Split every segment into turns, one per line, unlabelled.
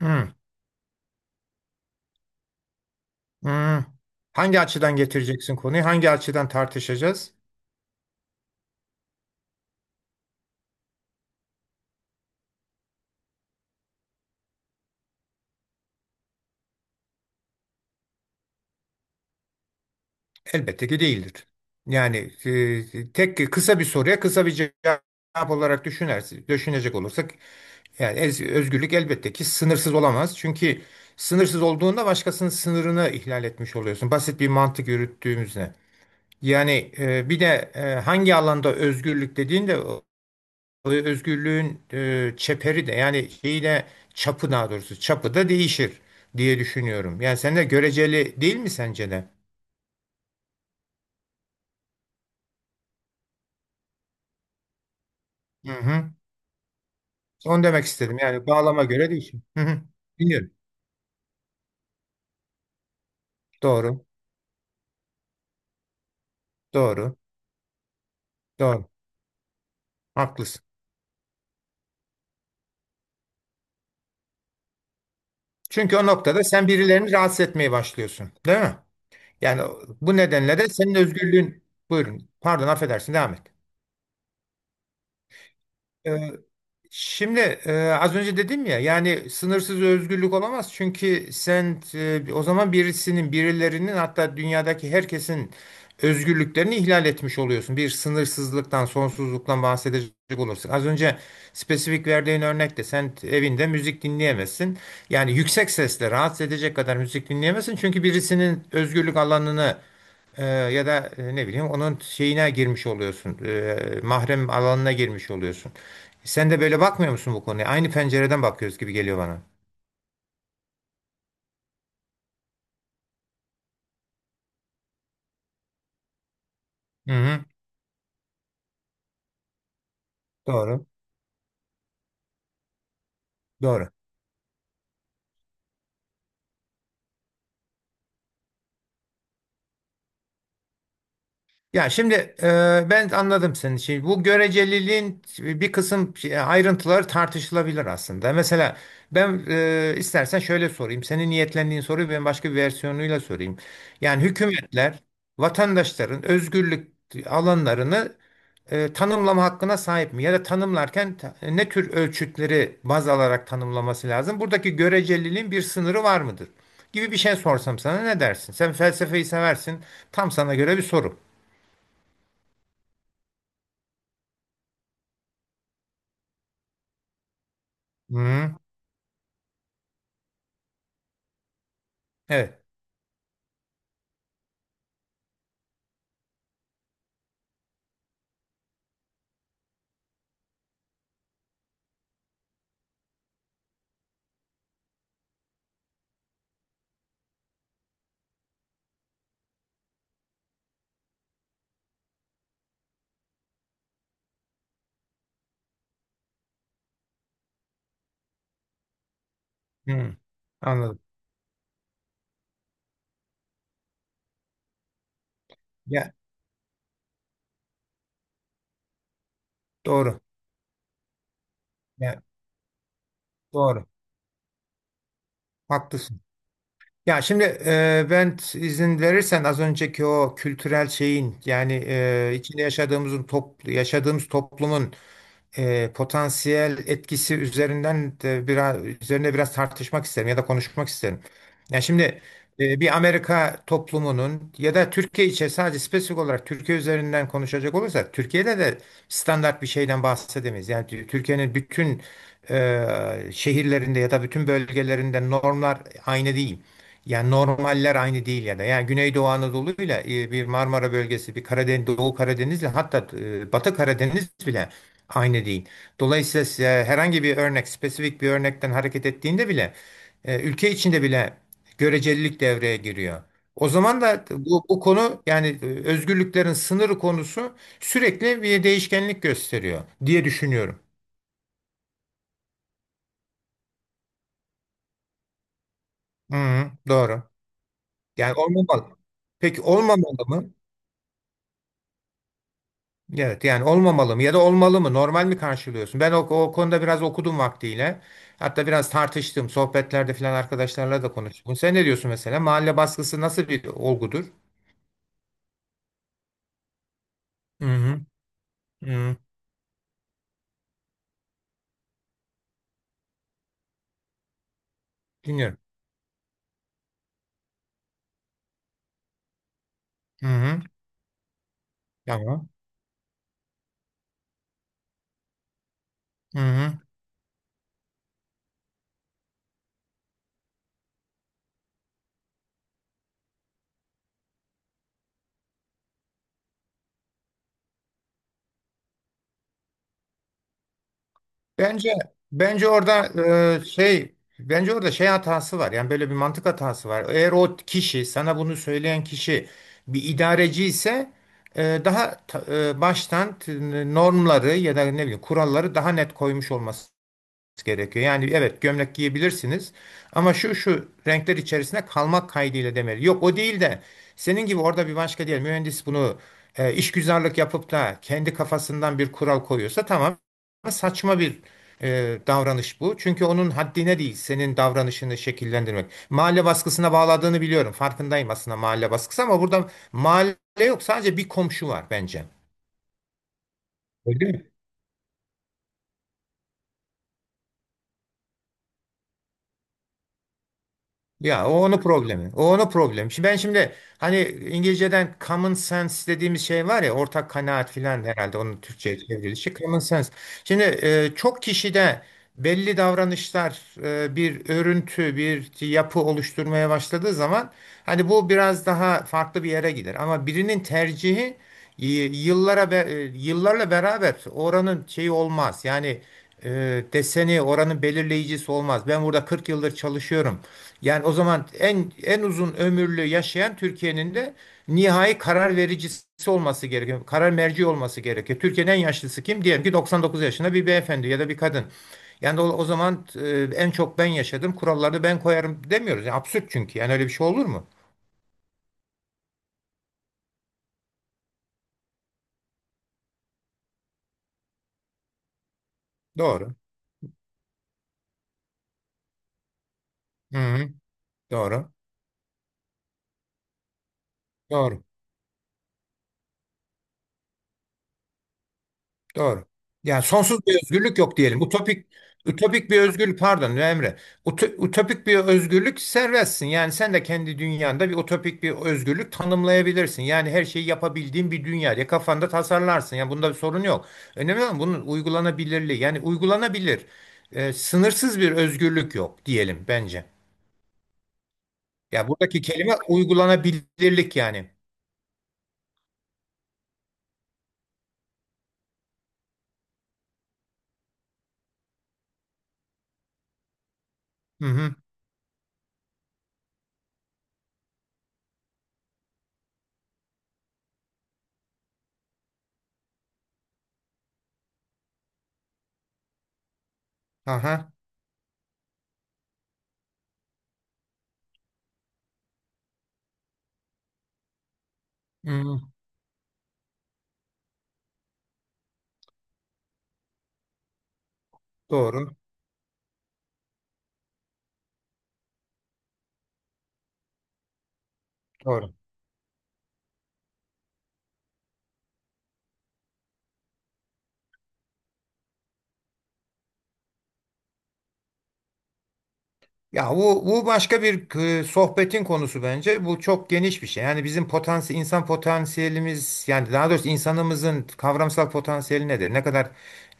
Hmm, hmm. Hangi açıdan getireceksin konuyu? Hangi açıdan tartışacağız? Elbette ki değildir. Yani tek kısa bir soruya kısa bir cevap olarak düşünecek olursak yani özgürlük elbette ki sınırsız olamaz. Çünkü sınırsız olduğunda başkasının sınırını ihlal etmiş oluyorsun. Basit bir mantık yürüttüğümüzde. Yani bir de hangi alanda özgürlük dediğinde özgürlüğün çeperi de yani şeyi de çapı daha doğrusu çapı da değişir diye düşünüyorum. Yani sen de göreceli değil mi sence de? Hı hı. Onu demek istedim. Yani bağlama göre değişir. Hı hı. Biliyorum. Doğru. Doğru. Doğru. Haklısın. Çünkü o noktada sen birilerini rahatsız etmeye başlıyorsun. Değil mi? Yani bu nedenle de senin özgürlüğün buyurun. Pardon affedersin devam et. Şimdi az önce dedim ya yani sınırsız özgürlük olamaz çünkü sen o zaman birilerinin hatta dünyadaki herkesin özgürlüklerini ihlal etmiş oluyorsun. Bir sınırsızlıktan, sonsuzluktan bahsedecek olursak. Az önce spesifik verdiğin örnekte sen evinde müzik dinleyemezsin. Yani yüksek sesle rahatsız edecek kadar müzik dinleyemezsin çünkü birisinin özgürlük alanını ya da ne bileyim onun şeyine girmiş oluyorsun. Mahrem alanına girmiş oluyorsun. Sen de böyle bakmıyor musun bu konuya? Aynı pencereden bakıyoruz gibi geliyor bana. Hı hı. Doğru. Doğru. Ya şimdi ben anladım senin şeyi. Bu göreceliliğin bir kısım ayrıntıları tartışılabilir aslında. Mesela ben istersen şöyle sorayım. Senin niyetlendiğin soruyu ben başka bir versiyonuyla sorayım. Yani hükümetler vatandaşların özgürlük alanlarını tanımlama hakkına sahip mi? Ya da tanımlarken ne tür ölçütleri baz alarak tanımlaması lazım? Buradaki göreceliliğin bir sınırı var mıdır? Gibi bir şey sorsam sana ne dersin? Sen felsefeyi seversin. Tam sana göre bir soru. Hı, evet. Hı, anladım. Ya doğru. Ya doğru. Haklısın. Ya şimdi ben izin verirsen az önceki o kültürel şeyin yani yaşadığımız toplumun potansiyel etkisi üzerinden de biraz üzerine biraz tartışmak isterim ya da konuşmak isterim. Yani şimdi bir Amerika toplumunun ya da Türkiye için sadece spesifik olarak Türkiye üzerinden konuşacak olursak Türkiye'de de standart bir şeyden bahsedemeyiz. Yani Türkiye'nin bütün şehirlerinde ya da bütün bölgelerinde normlar aynı değil. Yani normaller aynı değil ya da yani Güneydoğu Anadolu'yla bir Marmara bölgesi, bir Karadeniz, Doğu Karadeniz'le hatta Batı Karadeniz bile aynı değil. Dolayısıyla size herhangi bir örnek, spesifik bir örnekten hareket ettiğinde bile ülke içinde bile görecelilik devreye giriyor. O zaman da bu konu yani özgürlüklerin sınırı konusu sürekli bir değişkenlik gösteriyor diye düşünüyorum. Hı, doğru. Yani olmamalı. Peki olmamalı mı? Evet yani olmamalı mı ya da olmalı mı normal mi karşılıyorsun? Ben o, o konuda biraz okudum vaktiyle. Hatta biraz tartıştım sohbetlerde falan arkadaşlarla da konuştum. Sen ne diyorsun mesela? Mahalle baskısı nasıl bir olgudur? Hı hı. Hı hı. Dinliyorum. Hı hı. Tamam. Hı hı. Bence bence orada şey bence orada şey hatası var. Yani böyle bir mantık hatası var. Eğer o kişi sana bunu söyleyen kişi bir idareci ise daha baştan normları ya da ne bileyim kuralları daha net koymuş olması gerekiyor. Yani evet gömlek giyebilirsiniz ama şu şu renkler içerisinde kalmak kaydıyla demeli. Yok o değil de senin gibi orada bir başka diyelim mühendis bunu işgüzarlık yapıp da kendi kafasından bir kural koyuyorsa tamam saçma bir davranış bu. Çünkü onun haddine değil senin davranışını şekillendirmek. Mahalle baskısına bağladığını biliyorum. Farkındayım aslında mahalle baskısı ama burada mahalle yok sadece bir komşu var bence. Öyle mi? Ya o onun problemi. O onun problemi. Şimdi ben şimdi hani İngilizceden common sense dediğimiz şey var ya ortak kanaat filan herhalde onun Türkçe'ye çevrilişi common sense. Şimdi çok kişide belli davranışlar bir örüntü, bir yapı oluşturmaya başladığı zaman hani bu biraz daha farklı bir yere gider. Ama birinin tercihi yıllarla beraber oranın şeyi olmaz. Yani e, deseni oranın belirleyicisi olmaz. Ben burada 40 yıldır çalışıyorum. Yani o zaman en uzun ömürlü yaşayan Türkiye'nin de nihai karar vericisi olması gerekiyor. Karar merci olması gerekiyor. Türkiye'nin en yaşlısı kim? Diyelim ki 99 yaşında bir beyefendi ya da bir kadın. Yani o zaman en çok ben yaşadım, kuralları ben koyarım demiyoruz. Yani absürt çünkü. Yani öyle bir şey olur mu? Doğru. Hı hı. Doğru. Doğru. Doğru. Yani sonsuz bir özgürlük yok diyelim. Utopik bir özgürlük pardon Emre. Utopik bir özgürlük serbestsin. Yani sen de kendi dünyanda bir utopik bir özgürlük tanımlayabilirsin. Yani her şeyi yapabildiğin bir dünya diye kafanda tasarlarsın. Yani bunda bir sorun yok. Önemli olan bunun uygulanabilirliği. Yani uygulanabilir. Sınırsız bir özgürlük yok diyelim bence. Ya buradaki kelime uygulanabilirlik yani. Hı hı. Aha. Hı, doğru. Doğru. Ya bu başka bir sohbetin konusu bence. Bu çok geniş bir şey. Yani bizim potansiyel, insan potansiyelimiz yani daha doğrusu insanımızın kavramsal potansiyeli nedir? Ne kadar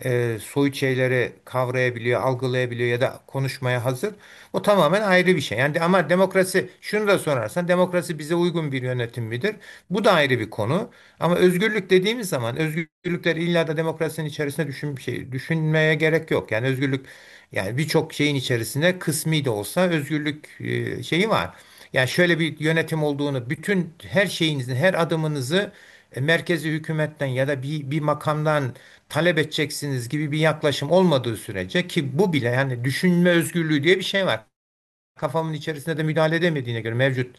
soyut şeyleri kavrayabiliyor, algılayabiliyor ya da konuşmaya hazır. O tamamen ayrı bir şey. Yani ama demokrasi şunu da sorarsan demokrasi bize uygun bir yönetim midir? Bu da ayrı bir konu. Ama özgürlük dediğimiz zaman özgürlükler illa da demokrasinin içerisinde düşünmeye gerek yok. Yani özgürlük yani birçok şeyin içerisinde kısmi de olsa özgürlük şeyi var. Yani şöyle bir yönetim olduğunu bütün her şeyinizin her adımınızı merkezi hükümetten ya da bir makamdan talep edeceksiniz gibi bir yaklaşım olmadığı sürece ki bu bile yani düşünme özgürlüğü diye bir şey var kafamın içerisinde de müdahale edemediğine göre mevcut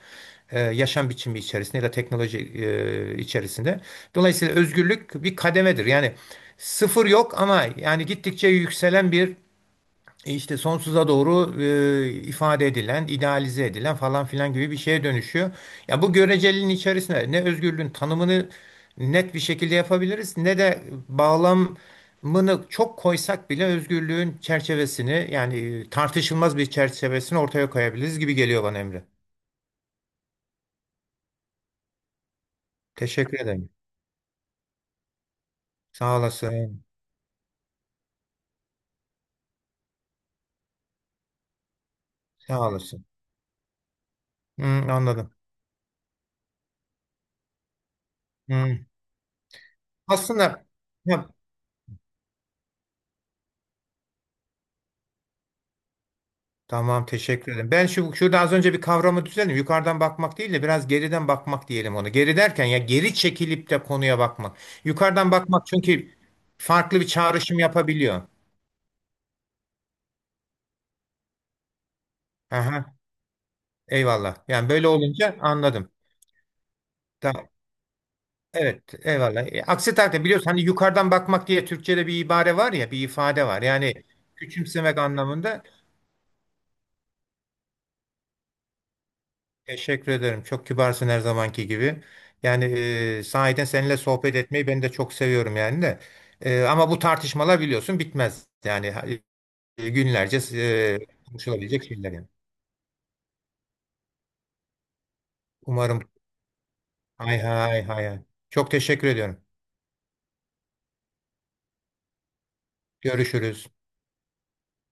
yaşam biçimi içerisinde ya da teknoloji içerisinde. Dolayısıyla özgürlük bir kademedir. Yani sıfır yok ama yani gittikçe yükselen bir işte sonsuza doğru ifade edilen, idealize edilen falan filan gibi bir şeye dönüşüyor. Ya bu göreceliliğin içerisinde ne özgürlüğün tanımını net bir şekilde yapabiliriz ne de bağlamını çok koysak bile özgürlüğün çerçevesini yani tartışılmaz bir çerçevesini ortaya koyabiliriz gibi geliyor bana Emre. Teşekkür ederim. Sağ olasın. Sağ olasın. Hı, anladım. Hı. Aslında ya. Tamam, teşekkür ederim. Ben şu şurada az önce bir kavramı düzelttim. Yukarıdan bakmak değil de biraz geriden bakmak diyelim onu. Geri derken ya geri çekilip de konuya bakmak. Yukarıdan bakmak çünkü farklı bir çağrışım yapabiliyor. Aha, eyvallah. Yani böyle olunca anladım. Tamam. Evet, eyvallah. Aksi takdirde biliyorsun hani yukarıdan bakmak diye Türkçe'de bir ibare var ya, bir ifade var. Yani küçümsemek anlamında. Teşekkür ederim. Çok kibarsın her zamanki gibi. Yani sahiden seninle sohbet etmeyi ben de çok seviyorum yani de. Ama bu tartışmalar biliyorsun bitmez. Yani günlerce konuşulabilecek şeyler yani. Umarım. Hay hay hay hay. Çok teşekkür ediyorum. Görüşürüz.